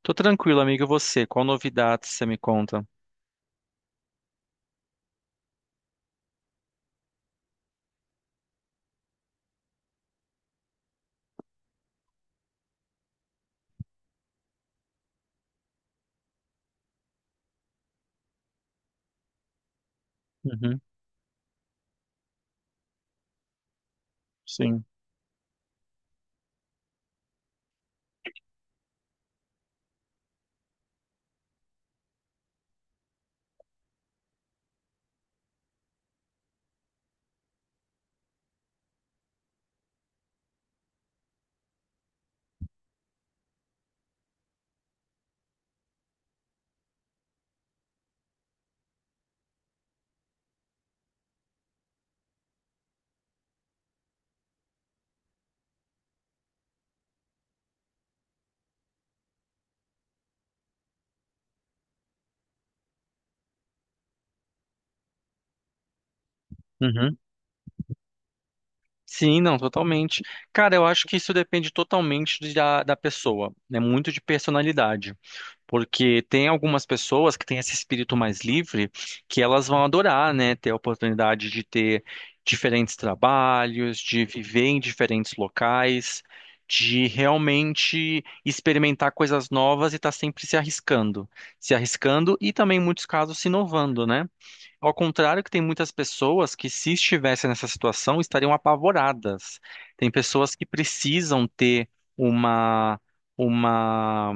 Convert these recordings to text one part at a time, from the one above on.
Tô tranquilo, amigo. E você? Qual novidade você me conta? Uhum, sim. Uhum, sim, não, totalmente. Cara, eu acho que isso depende totalmente da pessoa, né? Muito de personalidade. Porque tem algumas pessoas que têm esse espírito mais livre que elas vão adorar, né? Ter a oportunidade de ter diferentes trabalhos, de viver em diferentes locais, de realmente experimentar coisas novas e estar sempre se arriscando. Se arriscando e também, em muitos casos, se inovando, né? Ao contrário que tem muitas pessoas que, se estivessem nessa situação, estariam apavoradas. Tem pessoas que precisam ter uma, uma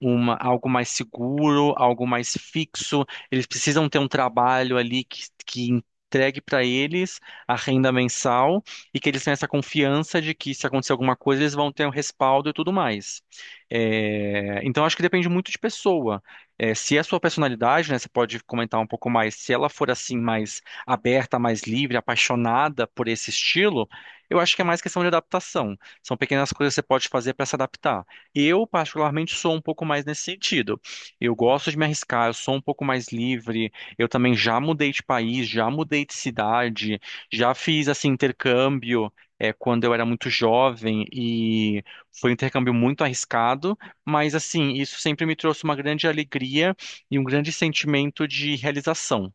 algo mais seguro, algo mais fixo. Eles precisam ter um trabalho ali que entregue para eles a renda mensal e que eles tenham essa confiança de que se acontecer alguma coisa, eles vão ter um respaldo e tudo mais. É, então, acho que depende muito de pessoa. É, se é a sua personalidade, né, você pode comentar um pouco mais, se ela for assim mais aberta, mais livre, apaixonada por esse estilo, eu acho que é mais questão de adaptação. São pequenas coisas que você pode fazer para se adaptar. Eu, particularmente, sou um pouco mais nesse sentido. Eu gosto de me arriscar, eu sou um pouco mais livre. Eu também já mudei de país, já mudei de cidade, já fiz assim intercâmbio quando eu era muito jovem e foi um intercâmbio muito arriscado, mas assim, isso sempre me trouxe uma grande alegria e um grande sentimento de realização,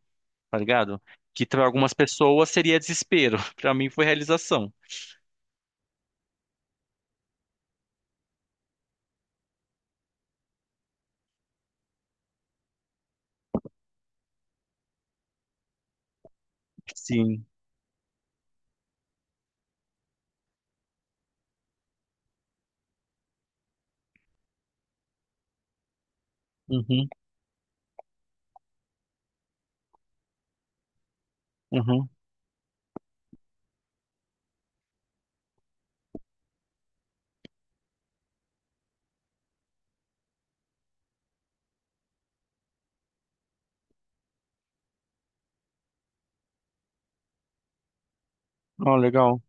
tá ligado? Que para algumas pessoas seria desespero, para mim foi realização. Sim. Uhum, uhum. Oh, legal.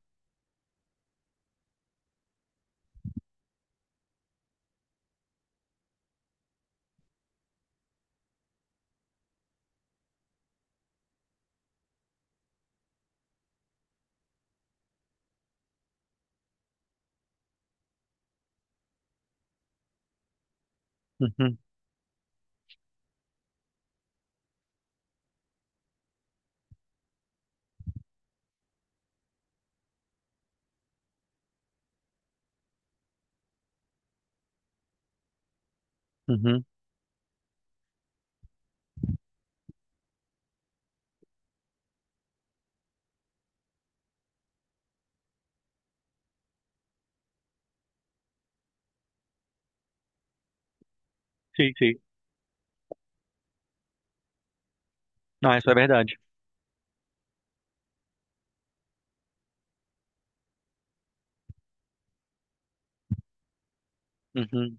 Uhum, uhum. Sim, sim. Não, isso é verdade. Uhum.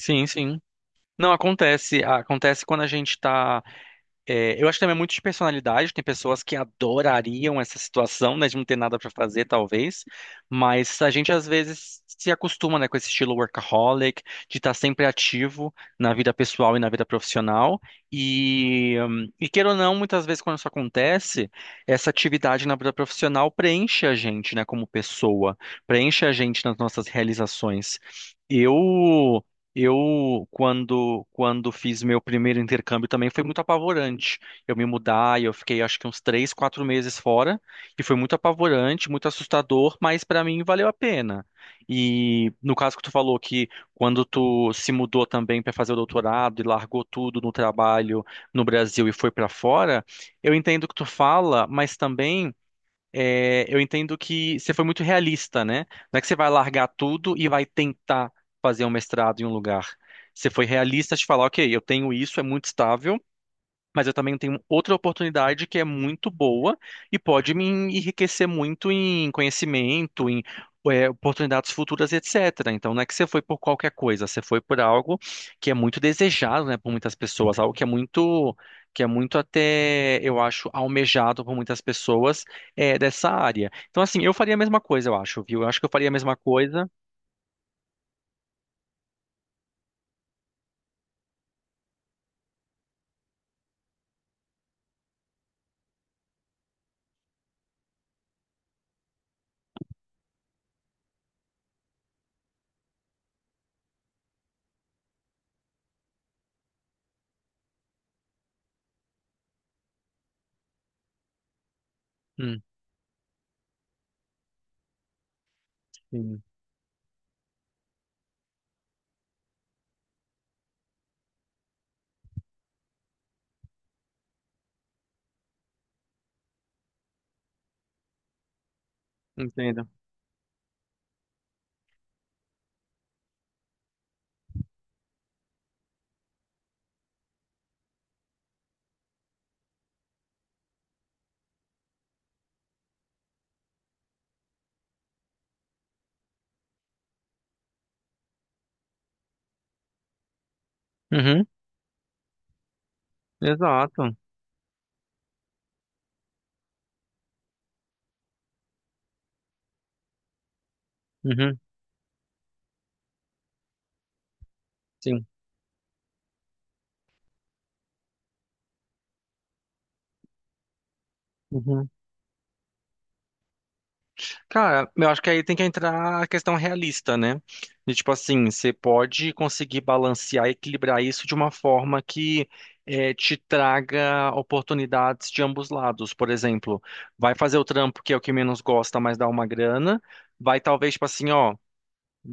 Sim, sim. Não, acontece. Acontece quando a gente tá. É, eu acho que também é muito de personalidade. Tem pessoas que adorariam essa situação, né, de não ter nada para fazer, talvez. Mas a gente às vezes se acostuma, né, com esse estilo workaholic, de estar sempre ativo na vida pessoal e na vida profissional. E queira ou não, muitas vezes quando isso acontece, essa atividade na vida profissional preenche a gente, né, como pessoa, preenche a gente nas nossas realizações. Eu quando fiz meu primeiro intercâmbio também, foi muito apavorante. Eu me mudar e eu fiquei acho que uns três, quatro meses fora, e foi muito apavorante, muito assustador, mas para mim valeu a pena. E no caso que tu falou que quando tu se mudou também para fazer o doutorado e largou tudo no trabalho no Brasil e foi para fora, eu entendo o que tu fala, mas também eu entendo que você foi muito realista, né? Não é que você vai largar tudo e vai tentar fazer um mestrado em um lugar. Você foi realista de falar: ok, eu tenho isso, é muito estável, mas eu também tenho outra oportunidade que é muito boa e pode me enriquecer muito em conhecimento, em oportunidades futuras, etc. Então, não é que você foi por qualquer coisa, você foi por algo que é muito desejado, né, por muitas pessoas, algo que é muito até, eu acho, almejado por muitas pessoas dessa área. Então, assim, eu faria a mesma coisa, eu acho, viu? Eu acho que eu faria a mesma coisa. Hum, sim, entendo. Uhum, exato. Uhum, sim. Uhum. Cara, eu acho que aí tem que entrar a questão realista, né? De tipo assim, você pode conseguir balancear e equilibrar isso de uma forma que te traga oportunidades de ambos lados. Por exemplo, vai fazer o trampo que é o que menos gosta, mas dá uma grana. Vai talvez, tipo assim, ó.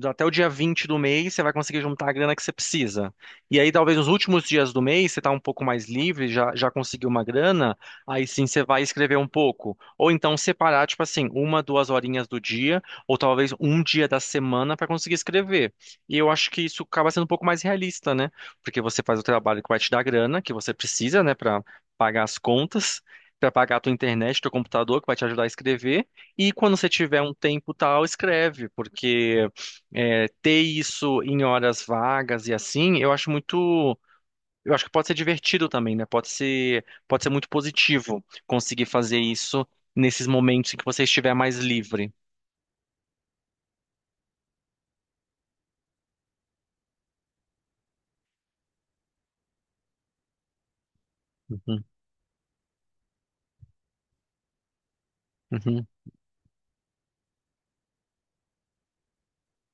Até o dia 20 do mês você vai conseguir juntar a grana que você precisa. E aí, talvez nos últimos dias do mês, você está um pouco mais livre, já conseguiu uma grana, aí sim você vai escrever um pouco. Ou então separar, tipo assim, uma, duas horinhas do dia, ou talvez um dia da semana para conseguir escrever. E eu acho que isso acaba sendo um pouco mais realista, né? Porque você faz o trabalho que vai te dar grana, que você precisa, né, para pagar as contas. Para pagar a tua internet, teu computador, que vai te ajudar a escrever. E quando você tiver um tempo tal, escreve, porque ter isso em horas vagas e assim, eu acho muito. Eu acho que pode ser divertido também, né? Pode ser muito positivo conseguir fazer isso nesses momentos em que você estiver mais livre. Uhum, uhum,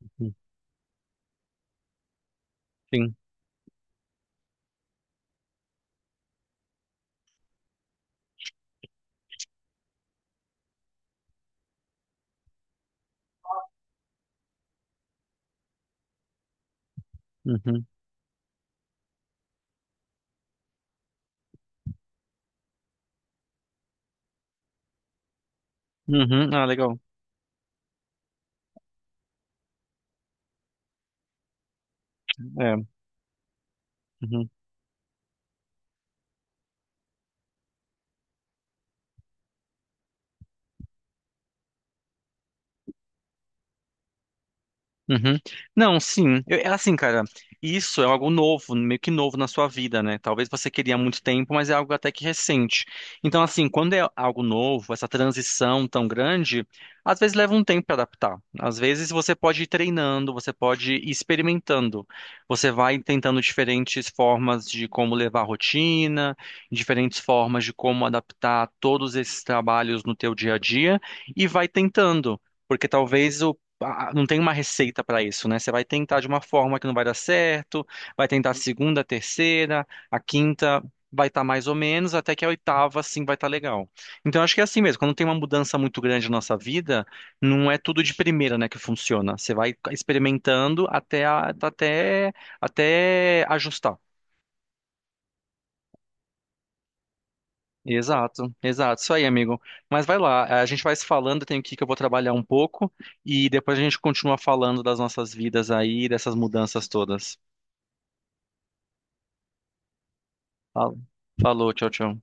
uhum, sim. Uhum, uhum. Ah, legal. É. Uhum. Uhum. Não, sim. É assim, cara, isso é algo novo, meio que novo na sua vida, né? Talvez você queria há muito tempo, mas é algo até que recente. Então, assim, quando é algo novo, essa transição tão grande, às vezes leva um tempo para adaptar. Às vezes você pode ir treinando, você pode ir experimentando. Você vai tentando diferentes formas de como levar a rotina, diferentes formas de como adaptar todos esses trabalhos no teu dia a dia e vai tentando. Porque talvez não tem uma receita para isso, né? Você vai tentar de uma forma que não vai dar certo, vai tentar a segunda, a terceira, a quinta vai estar mais ou menos, até que a oitava sim vai estar legal. Então acho que é assim mesmo, quando tem uma mudança muito grande na nossa vida, não é tudo de primeira, né, que funciona. Você vai experimentando até até ajustar. Exato, exato. Isso aí, amigo. Mas vai lá, a gente vai se falando, eu tenho que ir que eu vou trabalhar um pouco e depois a gente continua falando das nossas vidas aí, dessas mudanças todas. Fala. Falou, tchau, tchau.